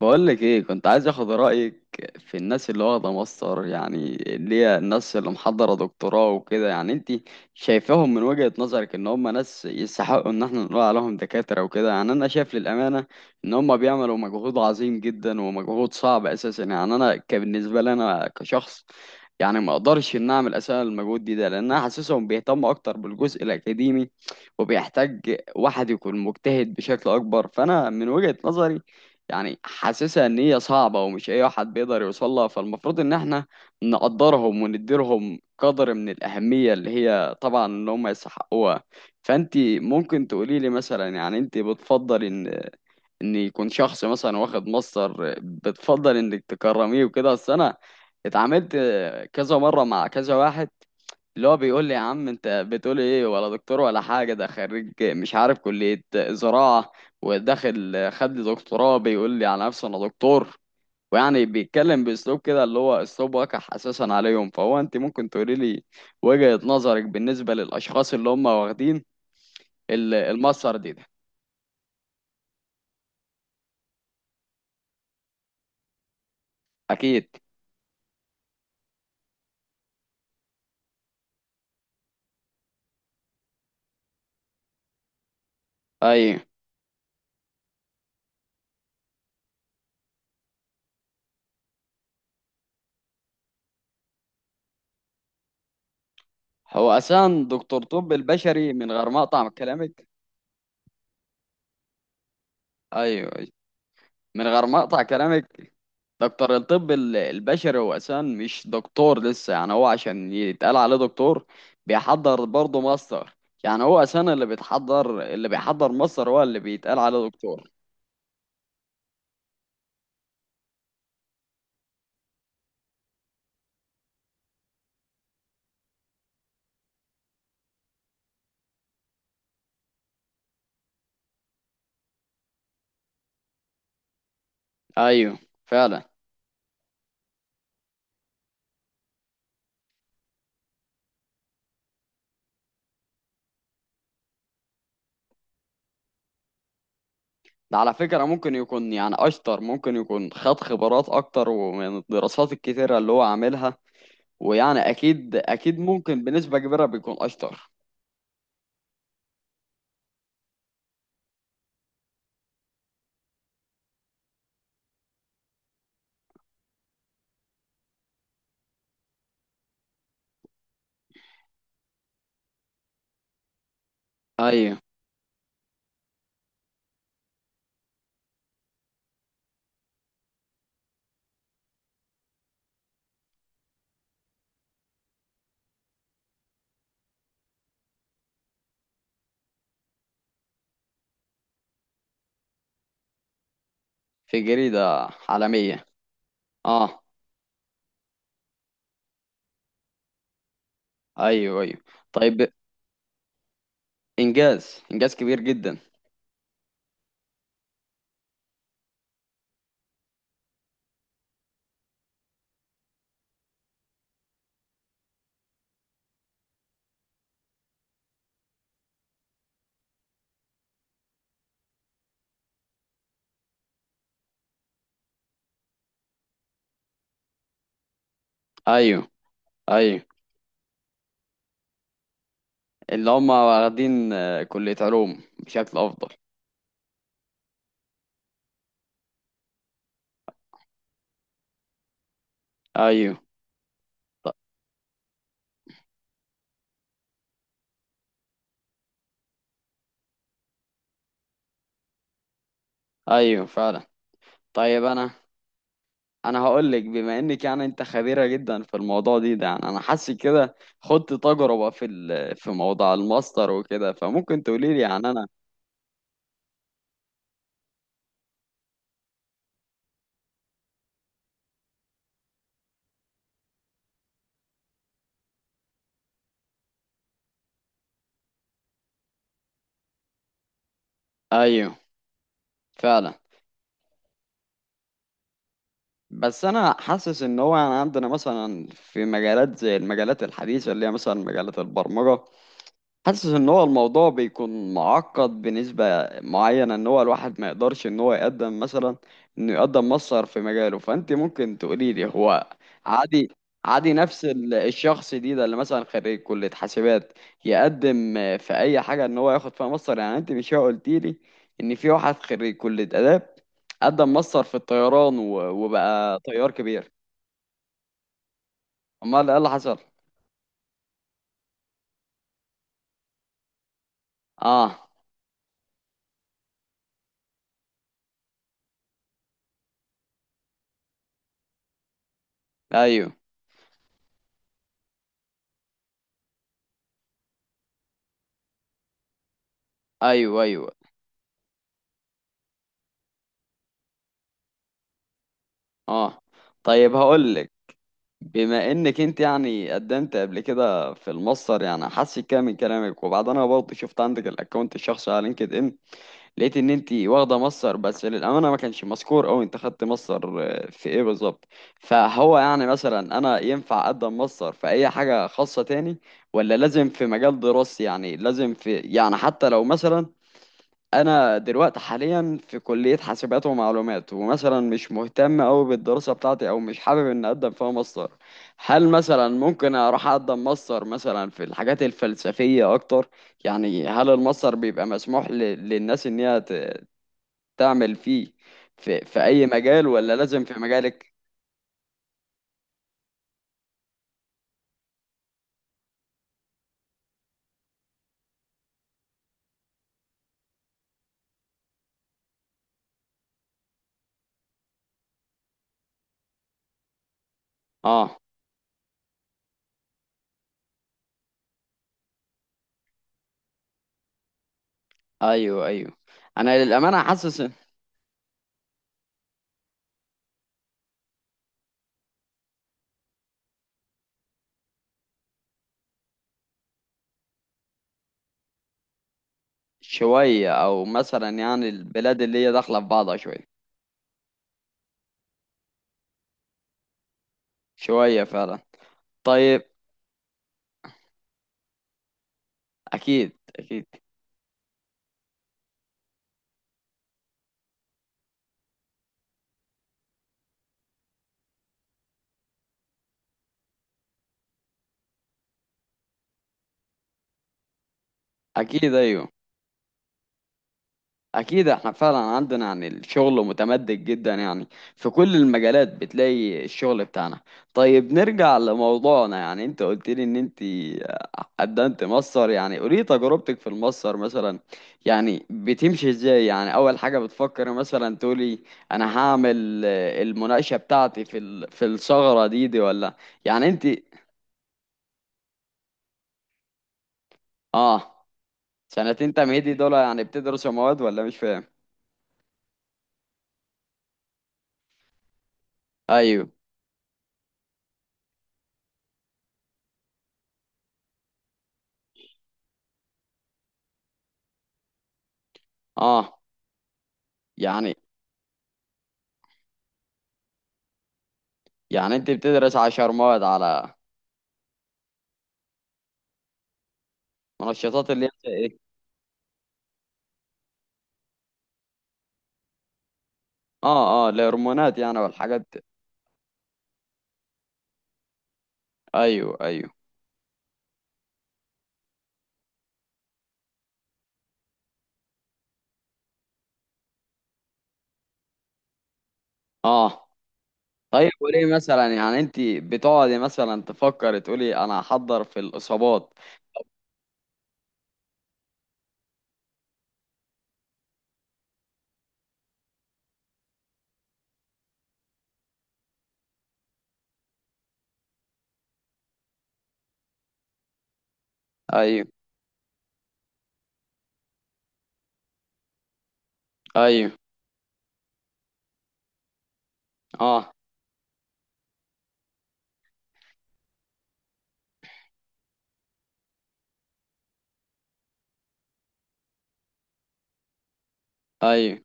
بقول لك ايه، كنت عايز اخد رايك في الناس اللي واخده ماستر، يعني اللي هي الناس اللي محضره دكتوراه وكده. يعني انت شايفاهم من وجهه نظرك ان هم ناس يستحقوا ان احنا نقول عليهم دكاتره وكده؟ يعني انا شايف للامانه ان هم بيعملوا مجهود عظيم جدا ومجهود صعب اساسا. يعني انا كبالنسبه لي انا كشخص يعني ما اقدرش ان اعمل اساسا المجهود ده، لان انا حاسسهم بيهتموا اكتر بالجزء الاكاديمي، وبيحتاج واحد يكون مجتهد بشكل اكبر. فانا من وجهه نظري يعني حاسسها ان هي صعبة، ومش اي واحد بيقدر يوصلها. فالمفروض ان احنا نقدرهم ونديلهم قدر من الاهمية اللي هي طبعا ان هم يستحقوها. فانت ممكن تقولي لي مثلا، يعني انت بتفضل ان يكون شخص مثلا واخد ماستر، بتفضل انك تكرميه وكده؟ اصل انا اتعاملت كذا مرة مع كذا واحد اللي هو بيقول لي يا عم انت بتقول ايه؟ ولا دكتور ولا حاجه، ده خريج مش عارف كليه زراعه وداخل خد لي دكتوراه، بيقول لي على نفسه انا دكتور. ويعني بيتكلم باسلوب كده اللي هو اسلوب وقح اساسا عليهم. فهو انت ممكن تقولي لي وجهه نظرك بالنسبه للاشخاص اللي هم واخدين المسار ده؟ اكيد. ايوه، هو اساسا دكتور طب البشري، من غير ما اقطع كلامك. ايوه، من غير ما اقطع كلامك، دكتور الطب البشري هو اساسا مش دكتور لسه، يعني هو عشان يتقال عليه دكتور بيحضر برضه ماستر. يعني هو اساسا اللي بيحضر ماستر هو اللي بيتقال عليه دكتور. ايوه، فعلا. ده على فكرة ممكن يكون يعني اشطر، ممكن يكون خد خبرات اكتر ومن الدراسات الكتيرة اللي هو عاملها، ويعني اكيد اكيد ممكن بنسبة كبيرة بيكون اشطر. ايوه. في جريدة عالمية. اه، ايوه ايوه. طيب، انجاز، انجاز كبير جدا. ايوه ايوه، اللي هم واخدين كلية علوم بشكل افضل. ايوه. ايوه فعلا. طيب انا هقول لك، بما انك يعني انت خبيرة جدا في الموضوع ده، يعني انا حاسس كده خدت تجربة في في موضوع الماستر وكده، فممكن تقولي لي يعني انا. ايوه فعلا. بس انا حاسس ان هو يعني عندنا مثلا في مجالات زي المجالات الحديثة اللي هي مثلا مجالات البرمجة، حاسس ان هو الموضوع بيكون معقد بنسبة معينة، ان هو الواحد ما يقدرش ان هو يقدم مثلا انه يقدم مصدر في مجاله. فانت ممكن تقولي لي هو عادي؟ عادي نفس الشخص ده اللي مثلا خريج كلية حاسبات يقدم في اي حاجة ان هو ياخد فيها مصدر؟ يعني انت مش قلتي لي ان في واحد خريج كلية آداب قدم مصدر في الطيران وبقى طيار كبير؟ امال ايه اللي حصل؟ اه. ايوه ايوه. ايوه. اه، طيب هقول لك، بما انك انت يعني قدمت قبل كده في المصدر، يعني حاسس كده من كلامك، وبعدين انا برضه شفت عندك الاكونت الشخصي على لينكد ان، لقيت ان انت واخده مصدر. بس للامانه ما كانش مذكور او انت خدت مصدر في ايه بالظبط. فهو يعني مثلا انا ينفع اقدم مصدر في اي حاجه خاصه تاني، ولا لازم في مجال دراستي؟ يعني لازم في، يعني حتى لو مثلا انا دلوقتي حاليا في كلية حاسبات ومعلومات، ومثلا مش مهتم أوي بالدراسة بتاعتي، او مش حابب ان اقدم فيها ماستر، هل مثلا ممكن اروح اقدم ماستر مثلا في الحاجات الفلسفية اكتر؟ يعني هل الماستر بيبقى مسموح للناس ان هي تعمل فيه في اي مجال؟ ولا لازم في مجالك؟ اه. ايوه ايوه. انا للأمانة حاسس شوية، او مثلا يعني البلاد اللي هي داخلة في بعضها شوية شوية فعلا. طيب. اكيد اكيد اكيد. ايوه اكيد، احنا فعلا عندنا يعني الشغل متمدد جدا، يعني في كل المجالات بتلاقي الشغل بتاعنا. طيب نرجع لموضوعنا، يعني انت قلت لي ان انت قدمت ماستر، يعني قولي تجربتك في الماستر مثلا، يعني بتمشي ازاي؟ يعني اول حاجة بتفكر مثلا تقولي انا هعمل المناقشة بتاعتي في في الثغرة دي ولا، يعني انت. اه. سنتين تمهيدي دول يعني بتدرسوا مواد، ولا مش فاهم؟ ايوه. اه. يعني يعني انت بتدرس عشر مواد على منشطات؟ اللي هي ايه؟ اه اه، الهرمونات يعني والحاجات دي. ايوه ايوه. اه، طيب وليه مثلا يعني انت بتقعدي مثلا تفكر تقولي انا هحضر في الاصابات؟ ايوه ايوه. اه. ايوه.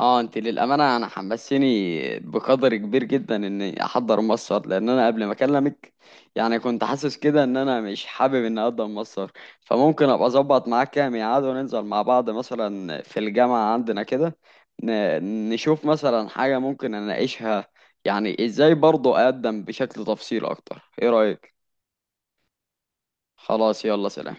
اه، انت للامانه انا حمسيني بقدر كبير جدا اني احضر مصر، لان انا قبل ما اكلمك يعني كنت حاسس كده ان انا مش حابب اني اقدم مصر. فممكن ابقى اظبط معاك كام ميعاد وننزل مع بعض مثلا في الجامعه عندنا كده، نشوف مثلا حاجه ممكن اناقشها؟ يعني ازاي برضه اقدم بشكل تفصيل اكتر؟ ايه رايك؟ خلاص، يلا، سلام.